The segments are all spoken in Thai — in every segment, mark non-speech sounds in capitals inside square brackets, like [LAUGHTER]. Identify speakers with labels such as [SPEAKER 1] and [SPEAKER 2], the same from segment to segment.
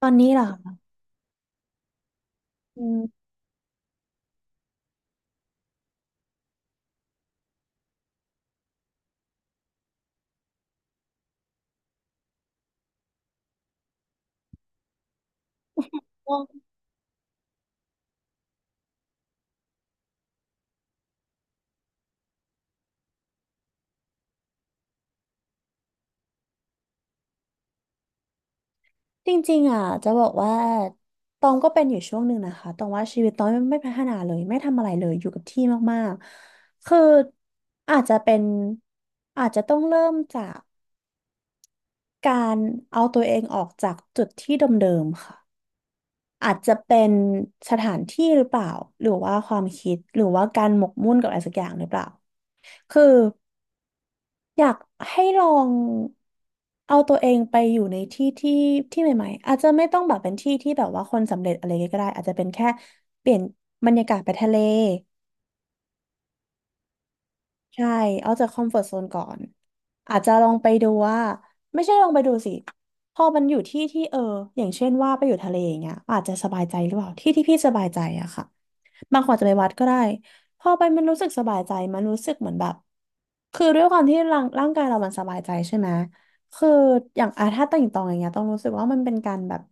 [SPEAKER 1] ตอนนี้เหรอคะอืมอจริงๆอ่ะจะบอกว่าตองก็เป็นอยู่ช่วงหนึ่งนะคะตองว่าชีวิตตองไม่พัฒนาเลยไม่ทำอะไรเลยอยู่กับที่มากๆ คืออาจจะเป็นอาจจะต้องเริ่มจากการเอาตัวเองออกจากจุดที่เดิมๆค่ะอาจจะเป็นสถานที่หรือเปล่าหรือว่าความคิด หรือว่าการหมกมุ่นกับอะไรสักอย่างหรือเปล่าคือ อยากให้ลองเอาตัวเองไปอยู่ในที่ใหม่ๆอาจจะไม่ต้องแบบเป็นที่ที่แบบว่าคนสำเร็จอะไรก็ได้อาจจะเป็นแค่เปลี่ยนบรรยากาศไปทะเล ใช่ เอาจากคอมฟอร์ z โซนก่อน อาจจะลองไปดูว่า ไม่ใช่ลองไปดูสิ พอมันอยู่ที่ที่อย่างเช่นว่าไปอยู่ทะเลอย่างเงี้ยอาจจะสบายใจหรือเปล่าที่ที่พี่สบายใจอะค่ะบางคนอาจจะไปวัดก็ได้พอไปมันรู้สึกสบายใจมันรู้สึกเหมือนแบบคือด้วยความที่ร่างกายเรามันสบายใจใช่ไหมคืออย่างอาถ้าต่างตองอย่างเงี้ยต้องรู้สึกว่ามันเป็นการแบบ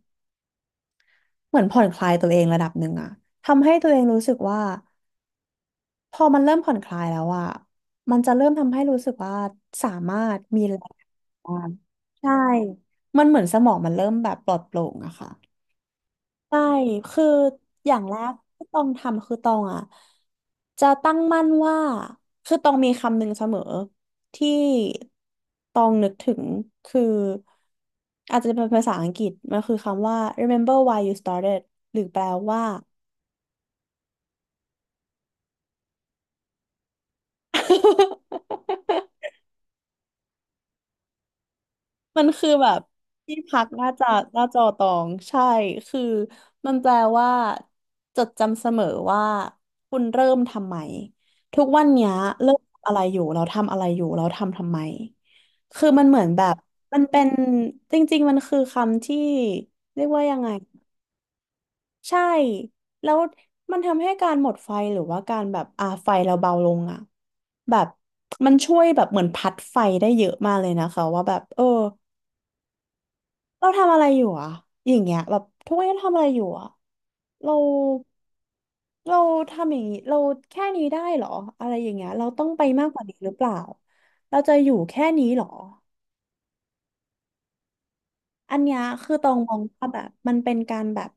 [SPEAKER 1] เหมือนผ่อนคลายตัวเองระดับหนึ่งอะทำให้ตัวเองรู้สึกว่า พอมันเริ่มผ่อนคลายแล้วอะมันจะเริ่มทำให้รู้สึกว่าสามารถมีแรงบ้างใช่ มันเหมือนสมองมันเริ่มแบบปลอดโปร่งอะค่ะใช่ คืออย่างแรกที่ต้องทำคือต้องอ่ะ จะตั้งมั่นว่า คือต้องมีคำหนึ่งเสมอที่ต้องนึกถึงคืออาจจะเป็นภาษาอังกฤษมันคือคำว่า remember why you started หรือแปลว่า [LAUGHS] มันคือแบบที่พักหน้าจอหน้าจอตองใช่คือมันแปลว่าจดจำเสมอว่าคุณเริ่มทำไมทุกวันเนี้ยเริ่มทำอะไรอยู่เราทำอะไรอยู่เราทำทำไมคือมันเหมือนแบบมันเป็นจริงๆมันคือคำที่เรียกว่ายังไงใช่แล้วมันทำให้การหมดไฟหรือว่าการแบบไฟเราเบาลงอ่ะแบบมันช่วยแบบเหมือนพัดไฟได้เยอะมากเลยนะคะว่าแบบเออ เราทำอะไรอยู่อะอย่างเงี้ยแบบทุกวันนี้เราทำอะไรอยู่อะเราเราทำอย่างงี้เราแค่นี้ได้เหรออะไรอย่างเงี้ยเราต้องไปมากกว่านี้หรือเปล่าเราจะอยู่แค่นี้เหรออันเนี้ยคือตองมองว่าแบบมันเป็นการแบบ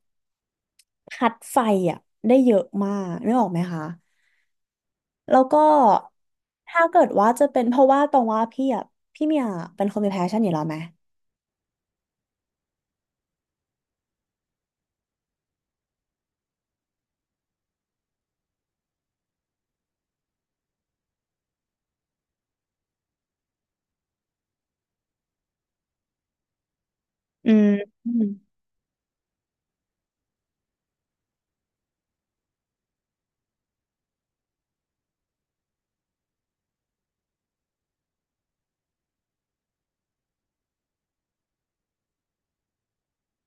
[SPEAKER 1] พัดไฟอะได้เยอะมากนึกออกไหมคะแล้วก็ถ้าเกิดว่าจะเป็นเพราะว่าตองว่าพี่อะพี่เมียเป็นคนมีแพชชั่นอยู่แล้วไหมอืมอืม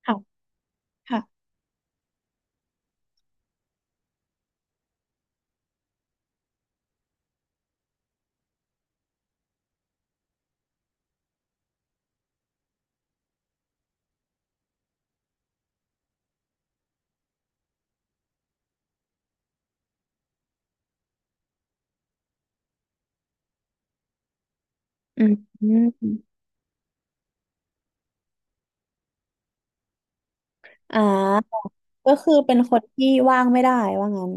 [SPEAKER 1] ค่ะค่ะอืมอมอ่า ก็คือเป็นคนที่ว่างไม่ได้ว่างั้น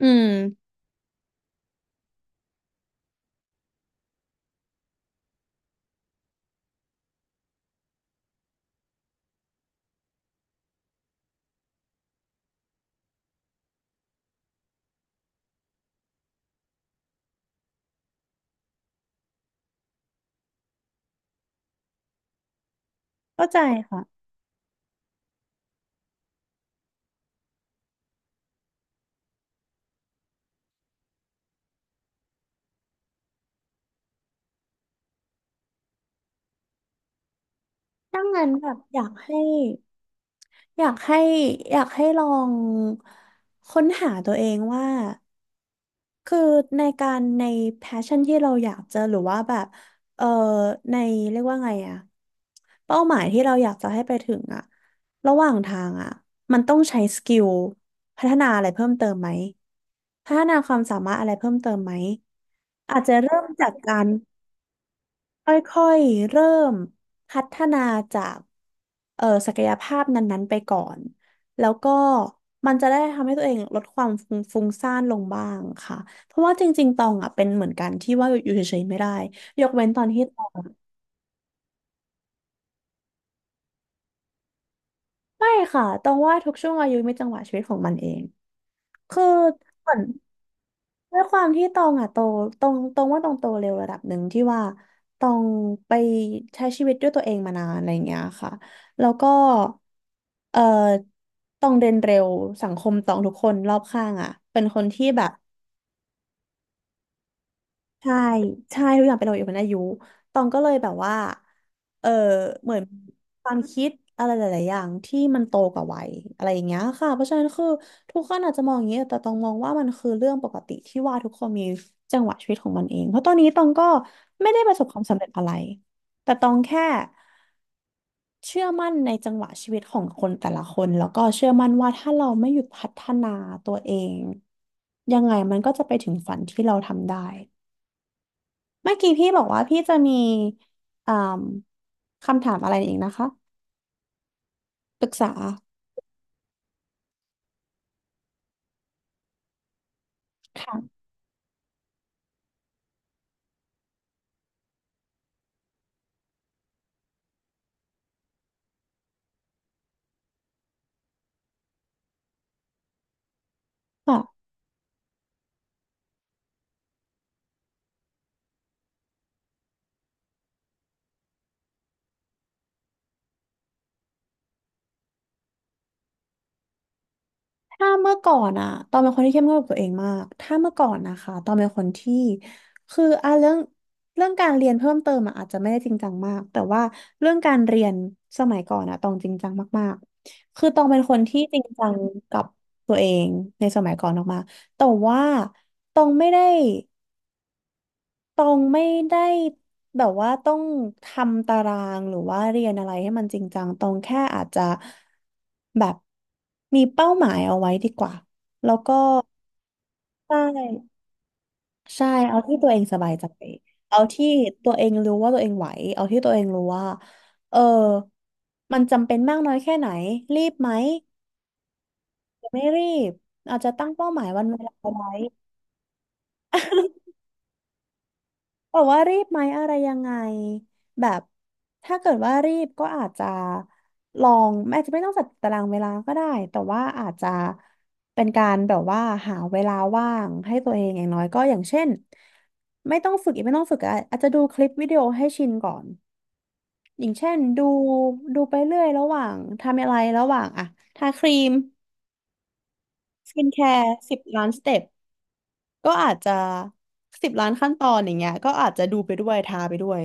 [SPEAKER 1] อืมเข้าใจค่ะดังนั้นแบบอยากให้อยากให้ลองค้นหาตัวเองว่าคือในการใน passion ที่เราอยากจะหรือว่าแบบเออในเรียกว่าไงอะเป้าหมายที่เราอยากจะให้ไปถึงอะระหว่างทางอะมันต้องใช้สกิลพัฒนาอะไรเพิ่มเติมไหมพัฒนาความสามารถอะไรเพิ่มเติมไหมอาจจะเริ่มจากการ ค่อยๆเริ่มพัฒนาจากศักยภาพนั้นๆไปก่อนแล้วก็มันจะได้ทำให้ตัวเองลดความฟุ้งซ่านลงบ้างค่ะเพราะว่าจริงๆตองอ่ะเป็นเหมือนกันที่ว่าอยู่เฉยๆไม่ได้ยกเว้นตอนที่ตองไม่ค่ะตองว่าทุกช่วงอายุมีจังหวะชีวิตของมันเองคือ ด้วยความที่ตองอ่ะโตตองว่าตองโตเร็วระดับหนึ่งที่ว่าตองไปใช้ชีวิตด้วยตัวเองมานานอะไรอย่างเงี้ยค่ะแล้วก็เอ่อตองเรียนเร็วสังคมตองทุกคนรอบข้างอ่ะเป็นคนที่แบบ ใช่ใช่ทุกอย่างเป็นเราอยู่บนอายุตองก็เลยแบบว่าเออเหมือนความคิดอะไรหลายๆอย่างที่มันโตกว่าวัยอะไรอย่างเงี้ยค่ะเพราะฉะนั้นคือทุกคนอาจจะมองอย่างเงี้ยแต่ตองมองว่ามันคือเรื่องปกติที่ว่าทุกคนมีจังหวะชีวิตของมันเอง เพราะตอนนี้ตองก็ไม่ได้ประสบความสำเร็จอะไร แต่ตองแค่เชื่อมั่นในจังหวะชีวิตของคนแต่ละคนแล้วก็เชื่อมั่นว่าถ้าเราไม่หยุดพัฒนาตัวเองยังไงมันก็จะไปถึงฝันที่เราทำได้ เมื่อกี้พี่บอกว่าพี่จะมีอ่ามคำถามอะไรอีกนะคะปรึกษาค่ะค่ะถ้าเมื่อก่อนอะตอนเป็นคนที่เข้มงวดกับตัวเองมาก ถ้าเมื่อก่อนนะคะ ตอนเป็นคนที่คืออ่ะเรื่องการเรียนเพิ่มเติมอะอาจจะไม่ได้จริงจังมาก แต่ว่าเรื่องการเรียนสมัยก่อนอะตองจริงจังมากๆคือตองเป็นคนที่จริงจังกับตัวเองในสมัยก่อนออกมาแต่ว่าตองไม่ได้ ตองไม่ได้แบบว่าต้องทำตารางหรือว่าเรียนอะไรให้มันจริงจังตองแค่อาจจะแบบมีเป้าหมายเอาไว้ดีกว่าแล้วก็ใช่ใช่เอาที่ตัวเองสบายใจเอาที่ตัวเองรู้ว่าตัวเองไหวเอาที่ตัวเองรู้ว่าเออมันจำเป็นมากน้อยแค่ไหนรีบไหมหรือไม่รีบอาจจะตั้งเป้าหมายวันเวลาเอาไว้ บอกว่ารีบไหมอะไรยังไงแบบถ้าเกิดว่ารีบก็อาจจะไม่ต้องจัดตารางเวลาก็ได้แต่ว่าอาจจะเป็นการแบบว่าหาเวลาว่างให้ตัวเองอย่างน้อยก็อย่างเช่นไม่ต้องฝึกอะอาจจะดูคลิปวิดีโอให้ชินก่อนอย่างเช่นดูไปเรื่อยระหว่างทำอะไรระหว่างอะทาครีมสกินแคร์สิบล้านสเต็ปก็อาจจะสิบล้านขั้นตอนอย่างเงี้ยก็อาจจะดูไปด้วยทาไปด้วย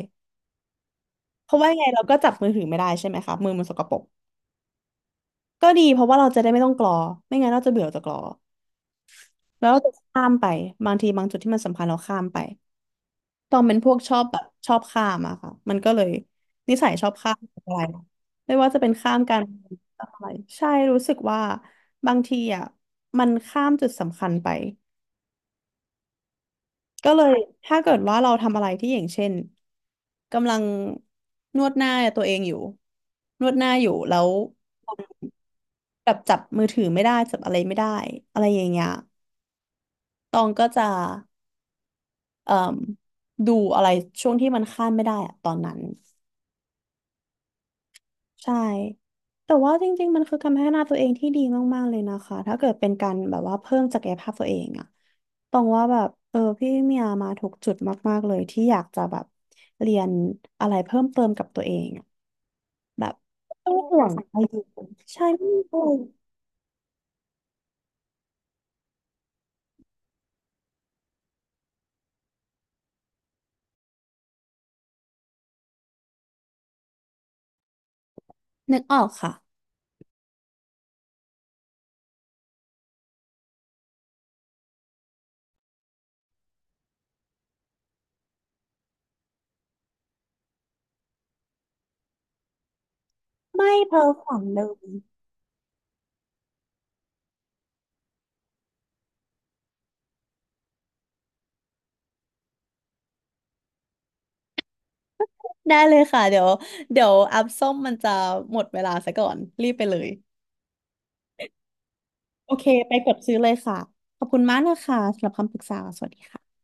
[SPEAKER 1] เพราะว่ายังไงเราก็จับมือถือไม่ได้ใช่ไหมคะมือมันสกปรกก็ดีเพราะว่าเราจะได้ไม่ต้องกรอไม่งั้นเราจะเบื่อจะกรอแล้วเราจะข้ามไปบางทีบางจุดที่มันสำคัญเราข้ามไปตอนเป็นพวกชอบแบบชอบข้ามอะค่ะมันก็เลยนิสัยชอบข้ามอะไรนะไม่ว่าจะเป็นข้ามการอะไรใช่รู้สึกว่าบางทีอะมันข้ามจุดสำคัญไปก็เลยถ้าเกิดว่าเราทำอะไรที่อย่างเช่นกำลังนวดหน้าตัวเองอยู่นวดหน้าอยู่แล้ว แบบจับมือถือไม่ได้จับอะไรไม่ได้อะไรอย่างเงี้ยตองก็จะเอ่มดูอะไรช่วงที่มันข้ามไม่ได้อะตอนนั้นใช่แต่ว่าจริงๆมันคือการพัฒนาตัวเองที่ดีมากๆเลยนะคะถ้าเกิดเป็นการแบบว่าเพิ่มศักยภาพตัวเองอะตองว่าแบบพี่เมียมาถูกจุดมากๆเลยที่อยากจะแบบเรียนอะไรเพิ่มเติมกับตัวเองอะแบบไม่ต้องห่วงอายุใช่ไม่ต้องนึกออกค่ะไม่เพ้อฝันเลย ได้เลยค่ะเดี๋ยวอัพส้มมันจะหมดเวลาซะก่อนรีบไปเลยโอเคไปกดซื้อเลยค่ะขอบคุณมากนะคะสำหรับคำปรึกษาสวัสดีค่ะ